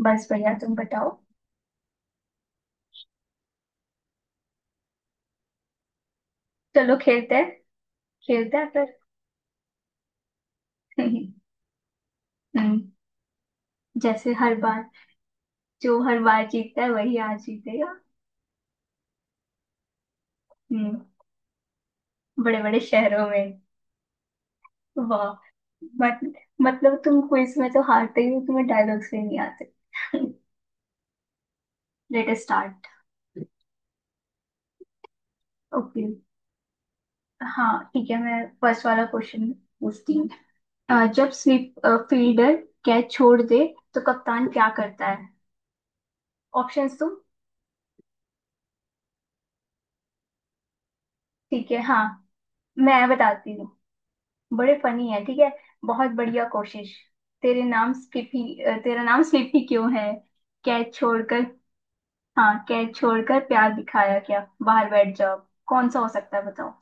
बस बढ़िया। तुम बताओ। चलो, खेलते हैं। खेलते हैं फिर। हम्म। जैसे हर बार। जो हर बार जीतता है वही आज जीतेगा। हम्म। बड़े बड़े शहरों में। वाह। मत, मतलब तुम क्विज में तो हारते ही हो, तुम्हें डायलॉग्स भी नहीं आते। Late start. ओके। हाँ, ठीक है। मैं फर्स्ट वाला क्वेश्चन पूछती हूँ। जब स्वीप फील्डर कैच छोड़ दे तो कप्तान क्या करता है? ऑप्शंस तुम। ठीक है, हाँ। मैं बताती हूँ। बड़े फनी है, ठीक है। बहुत बढ़िया कोशिश। तेरे नाम स्लिप ही अ, तेरा नाम स्लिप ही क्यों है? कैच छोड़कर। हाँ, कैच छोड़कर प्यार दिखाया क्या? बाहर बैठ जाओ। कौन सा हो सकता है, बताओ?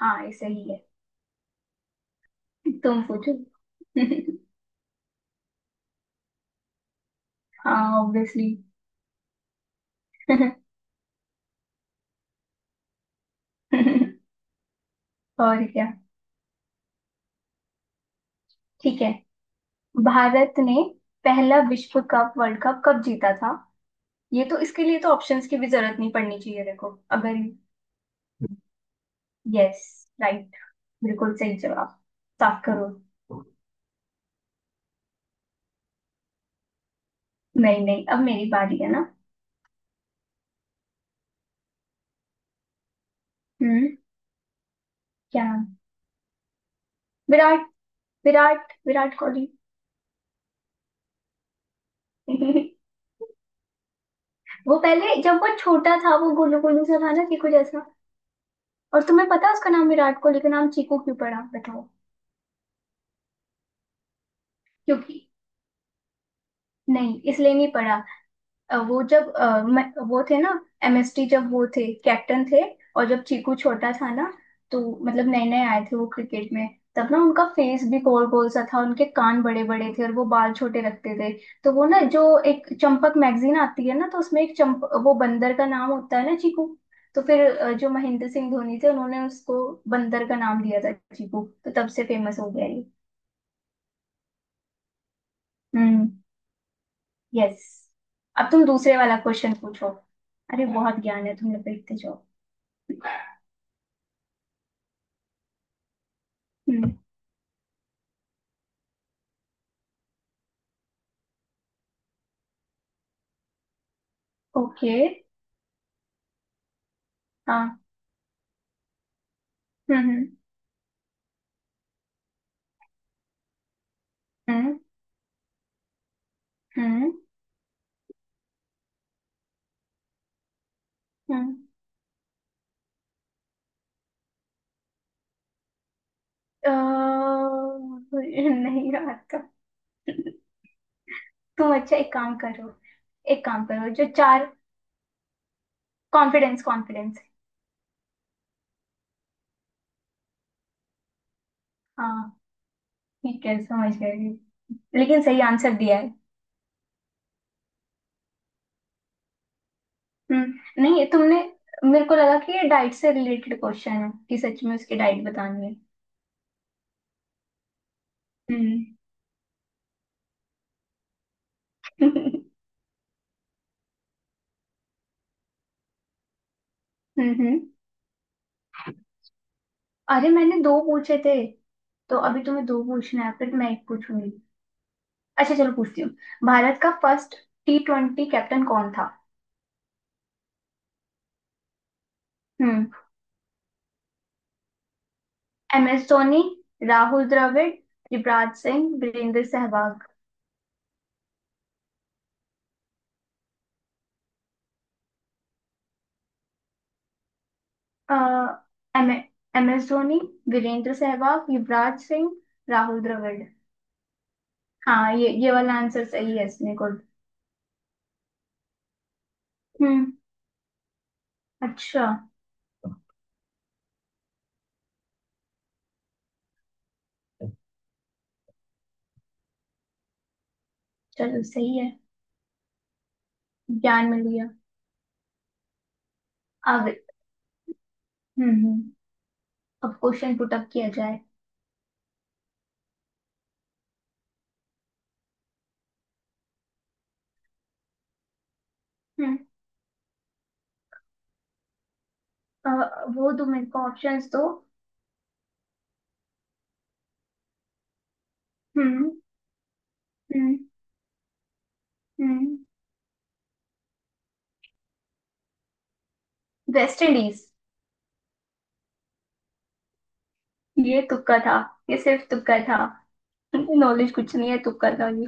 हाँ, ऐसे ही है। तुम पूछो। हाँ, ऑब्वियसली। और क्या। ठीक है। भारत ने पहला विश्व कप वर्ल्ड कप कब जीता था? ये तो, इसके लिए तो ऑप्शंस की भी जरूरत नहीं पड़नी चाहिए, देखो, अगर। यस। राइट। बिल्कुल सही जवाब। 7 करोड़। नहीं, नहीं, अब मेरी बारी है ना। हम्म। क्या? विराट। विराट, विराट कोहली। वो पहले, जब वो छोटा था, वो गोलू गोलू सा था ना, चीकू जैसा। और तुम्हें पता है उसका नाम, विराट कोहली का नाम चीकू क्यों पड़ा, बताओ? क्योंकि। नहीं, इसलिए नहीं पड़ा। वो जब वो थे ना। एमएसटी, जब वो थे, कैप्टन थे। और जब चीकू छोटा था ना। तो। मतलब नए नए आए थे वो क्रिकेट में। तब ना उनका फेस भी गोल गोल सा था, उनके कान बड़े बड़े थे, और वो बाल छोटे रखते थे। तो वो ना, जो, एक चंपक मैगजीन आती है ना, तो उसमें एक चंप, वो बंदर का नाम होता है ना, चीकू। तो फिर जो महेंद्र सिंह धोनी थे, उन्होंने उसको बंदर का नाम दिया था चीकू। तो तब से फेमस हो गया ये। हम्म। यस। अब तुम दूसरे वाला क्वेश्चन पूछो। अरे, बहुत ज्ञान है, तुमने देखते जाओ। हम्म। ओके। हाँ। हम्म। हम्म। हम्म। हम्म। हम्म। अ, नहीं, रात का। तुम अच्छा एक काम करो। एक काम करो, जो चार। Confidence, confidence. हाँ, ठीक है, समझ गई। लेकिन सही आंसर दिया है। हम्म। नहीं, तुमने। मेरे को लगा कि ये डाइट से रिलेटेड क्वेश्चन है, कि सच में उसकी डाइट बतानी है। हम्म। हम्म। हम्म। अरे, मैंने दो पूछे थे, तो अभी तुम्हें दो पूछना है, फिर मैं एक पूछूंगी। अच्छा, चलो पूछती हूँ। भारत का फर्स्ट टी ट्वेंटी कैप्टन कौन था? हम्म। M S Dhoni, Rahul Dravid, Yuvraj Singh, Virender Sehwag. अ M M S Dhoni, Virender Sehwag, Yuvraj Singh, Rahul Dravid. हाँ, ये वाला आंसर सही है, इसमें गुड। हम्म। अच्छा। चलो, सही है। ज्ञान मिल गया। अब, हम्म, अब क्वेश्चन पुट अप किया जाए। हम्म। अ, वो दो मेरे को ऑप्शंस दो। हम्म। हम्म। हम्म। West Indies. ये तुक्का था। ये सिर्फ तुक्का था। नॉलेज कुछ नहीं है, तुक्का था ये।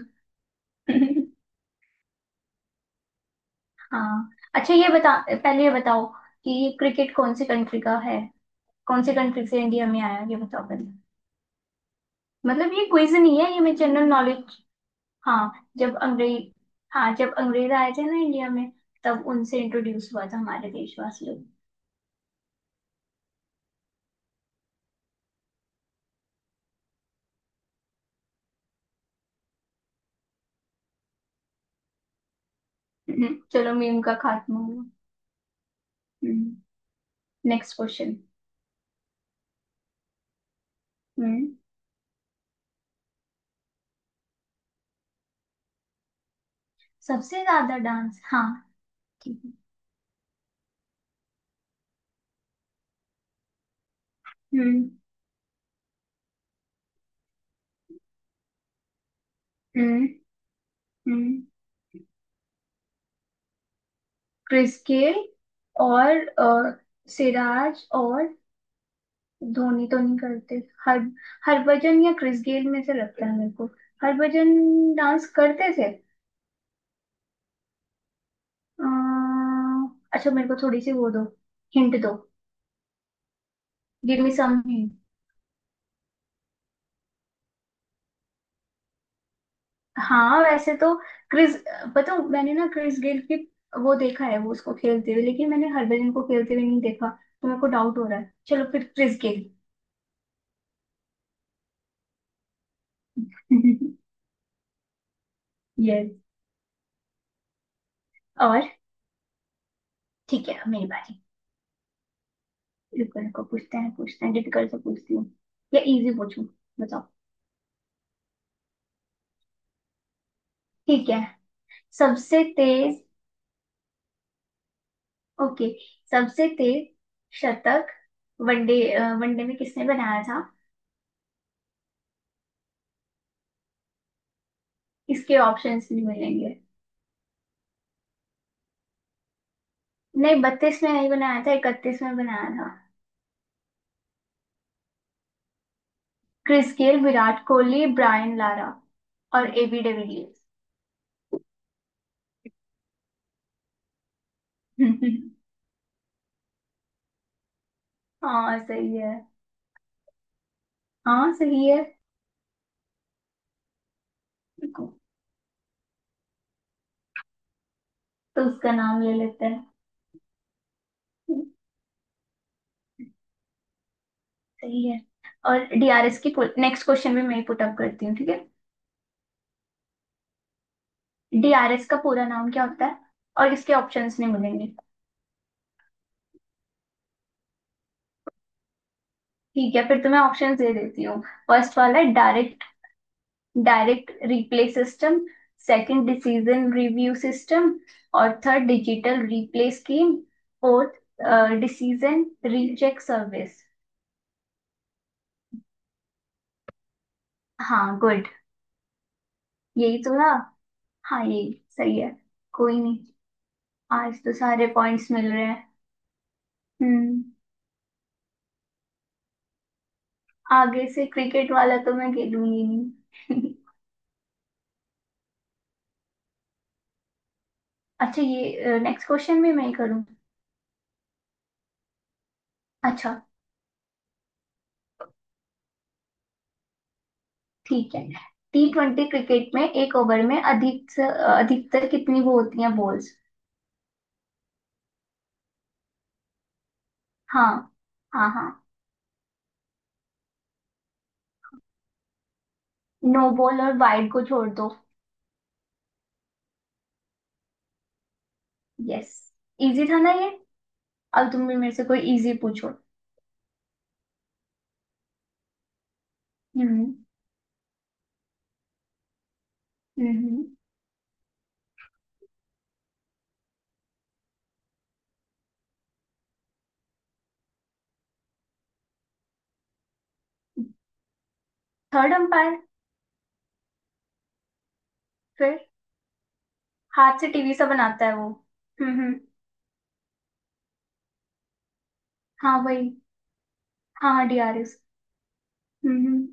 हाँ। अच्छा, ये बता पहले, ये बताओ कि क्रिकेट कौन से कंट्री का है, कौन से कंट्री से इंडिया में आया, ये बताओ पहले। मतलब ये क्विज नहीं है, ये मैं जनरल नॉलेज। हाँ जब अंग्रेज हाँ, जब अंग्रेज आए थे ना इंडिया में, तब उनसे इंट्रोड्यूस हुआ था हमारे देशवासियों को। चलो, मीम का खात्मा हुआ। Next question. हम्म। सबसे ज्यादा डांस, हाँ। ठीक है। हम्म। हम्म। हम्म। क्रिस गेल और सिराज और। धोनी तो नहीं करते। हर हरभजन या क्रिस गेल में से लगता है मेरे को। हरभजन डांस करते थे। अ, अच्छा, मेरे को थोड़ी सी वो दो, हिंट दो। Give me some. हाँ, वैसे तो, क्रिस, पता हूँ, मैंने ना क्रिस गेल की वो देखा है, वो उसको खेलते हुए, लेकिन मैंने हरभजन को खेलते हुए नहीं देखा। तो मेरे को डाउट हो रहा है, चलो फिर क्रिस गेल। यस। और ठीक है, अब मेरी बारी। रुको, रुको, पूछते हैं, पूछते हैं, डिफिकल्ट से पूछती हूँ या इजी पूछूं, बताओ? ठीक है। सबसे तेज। ओके, सबसे तेज शतक वनडे, वनडे में किसने बनाया था? इसके ऑप्शंस नहीं मिलेंगे। नहीं, 32 में नहीं बनाया था, 31 में बनाया था। Chris Gayle, Virat Kohli, Brian Lara, और एबी डिविलियर्स। हाँ, सही है। हाँ, सही है। तो उसका नाम ले लेते हैं। सही है। और डीआरएस की, नेक्स्ट क्वेश्चन भी मैं ही पुट अप करती हूँ, ठीक है। डीआरएस का पूरा नाम क्या होता है? और इसके ऑप्शंस नहीं मिलेंगे। ठीक है, फिर तो मैं ऑप्शंस दे देती हूँ। फर्स्ट वाला है direct, direct replay system. Second, decision review system. और third, digital replay scheme. Fourth, decision recheck service. हाँ, गुड, यही तो था। हाँ, यही सही है। कोई नहीं। आज तो सारे पॉइंट्स मिल रहे हैं। हम्म। आगे से क्रिकेट वाला तो मैं खेलूंगी नहीं। अच्छा, ये नेक्स्ट क्वेश्चन भी मैं करूँ? अच्छा, ठीक है। टी ट्वेंटी क्रिकेट में एक ओवर में अधिकतर कितनी वो होती हैं, बॉल्स? हाँ, हाँ, हाँ। नो बॉल और वाइड को छोड़ दो। यस। इजी था ना ये। अब तुम भी मेरे से कोई इजी पूछो। हम्म। हम्म। Third umpire. फिर हाथ से टीवी सा बनाता है वो। हम्म। हम्म। हाँ, वही। हाँ, हाँ, डीआरएस। हम्म। हम्म।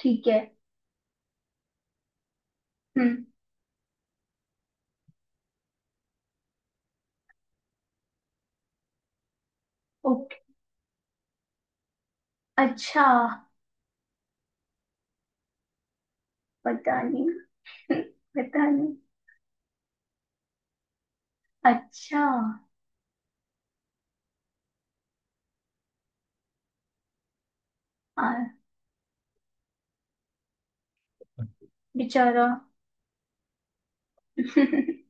ठीक है। हम्म। ओके। अच्छा, पता नहीं। पता नहीं। अच्छा, आ, बेचारा।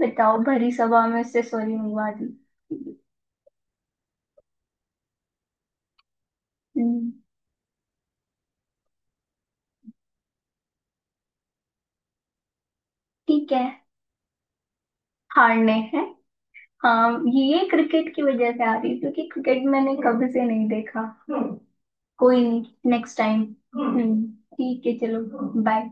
बताओ, भरी सभा में उससे सॉरी मंगवा दी। हम्म, ठीक है। हारने हैं। हाँ, ये क्रिकेट की वजह से आ रही है, क्योंकि क्रिकेट मैंने कभी से नहीं देखा। कोई नहीं, नेक्स्ट टाइम। हम्म। ठीक है, चलो, बाय।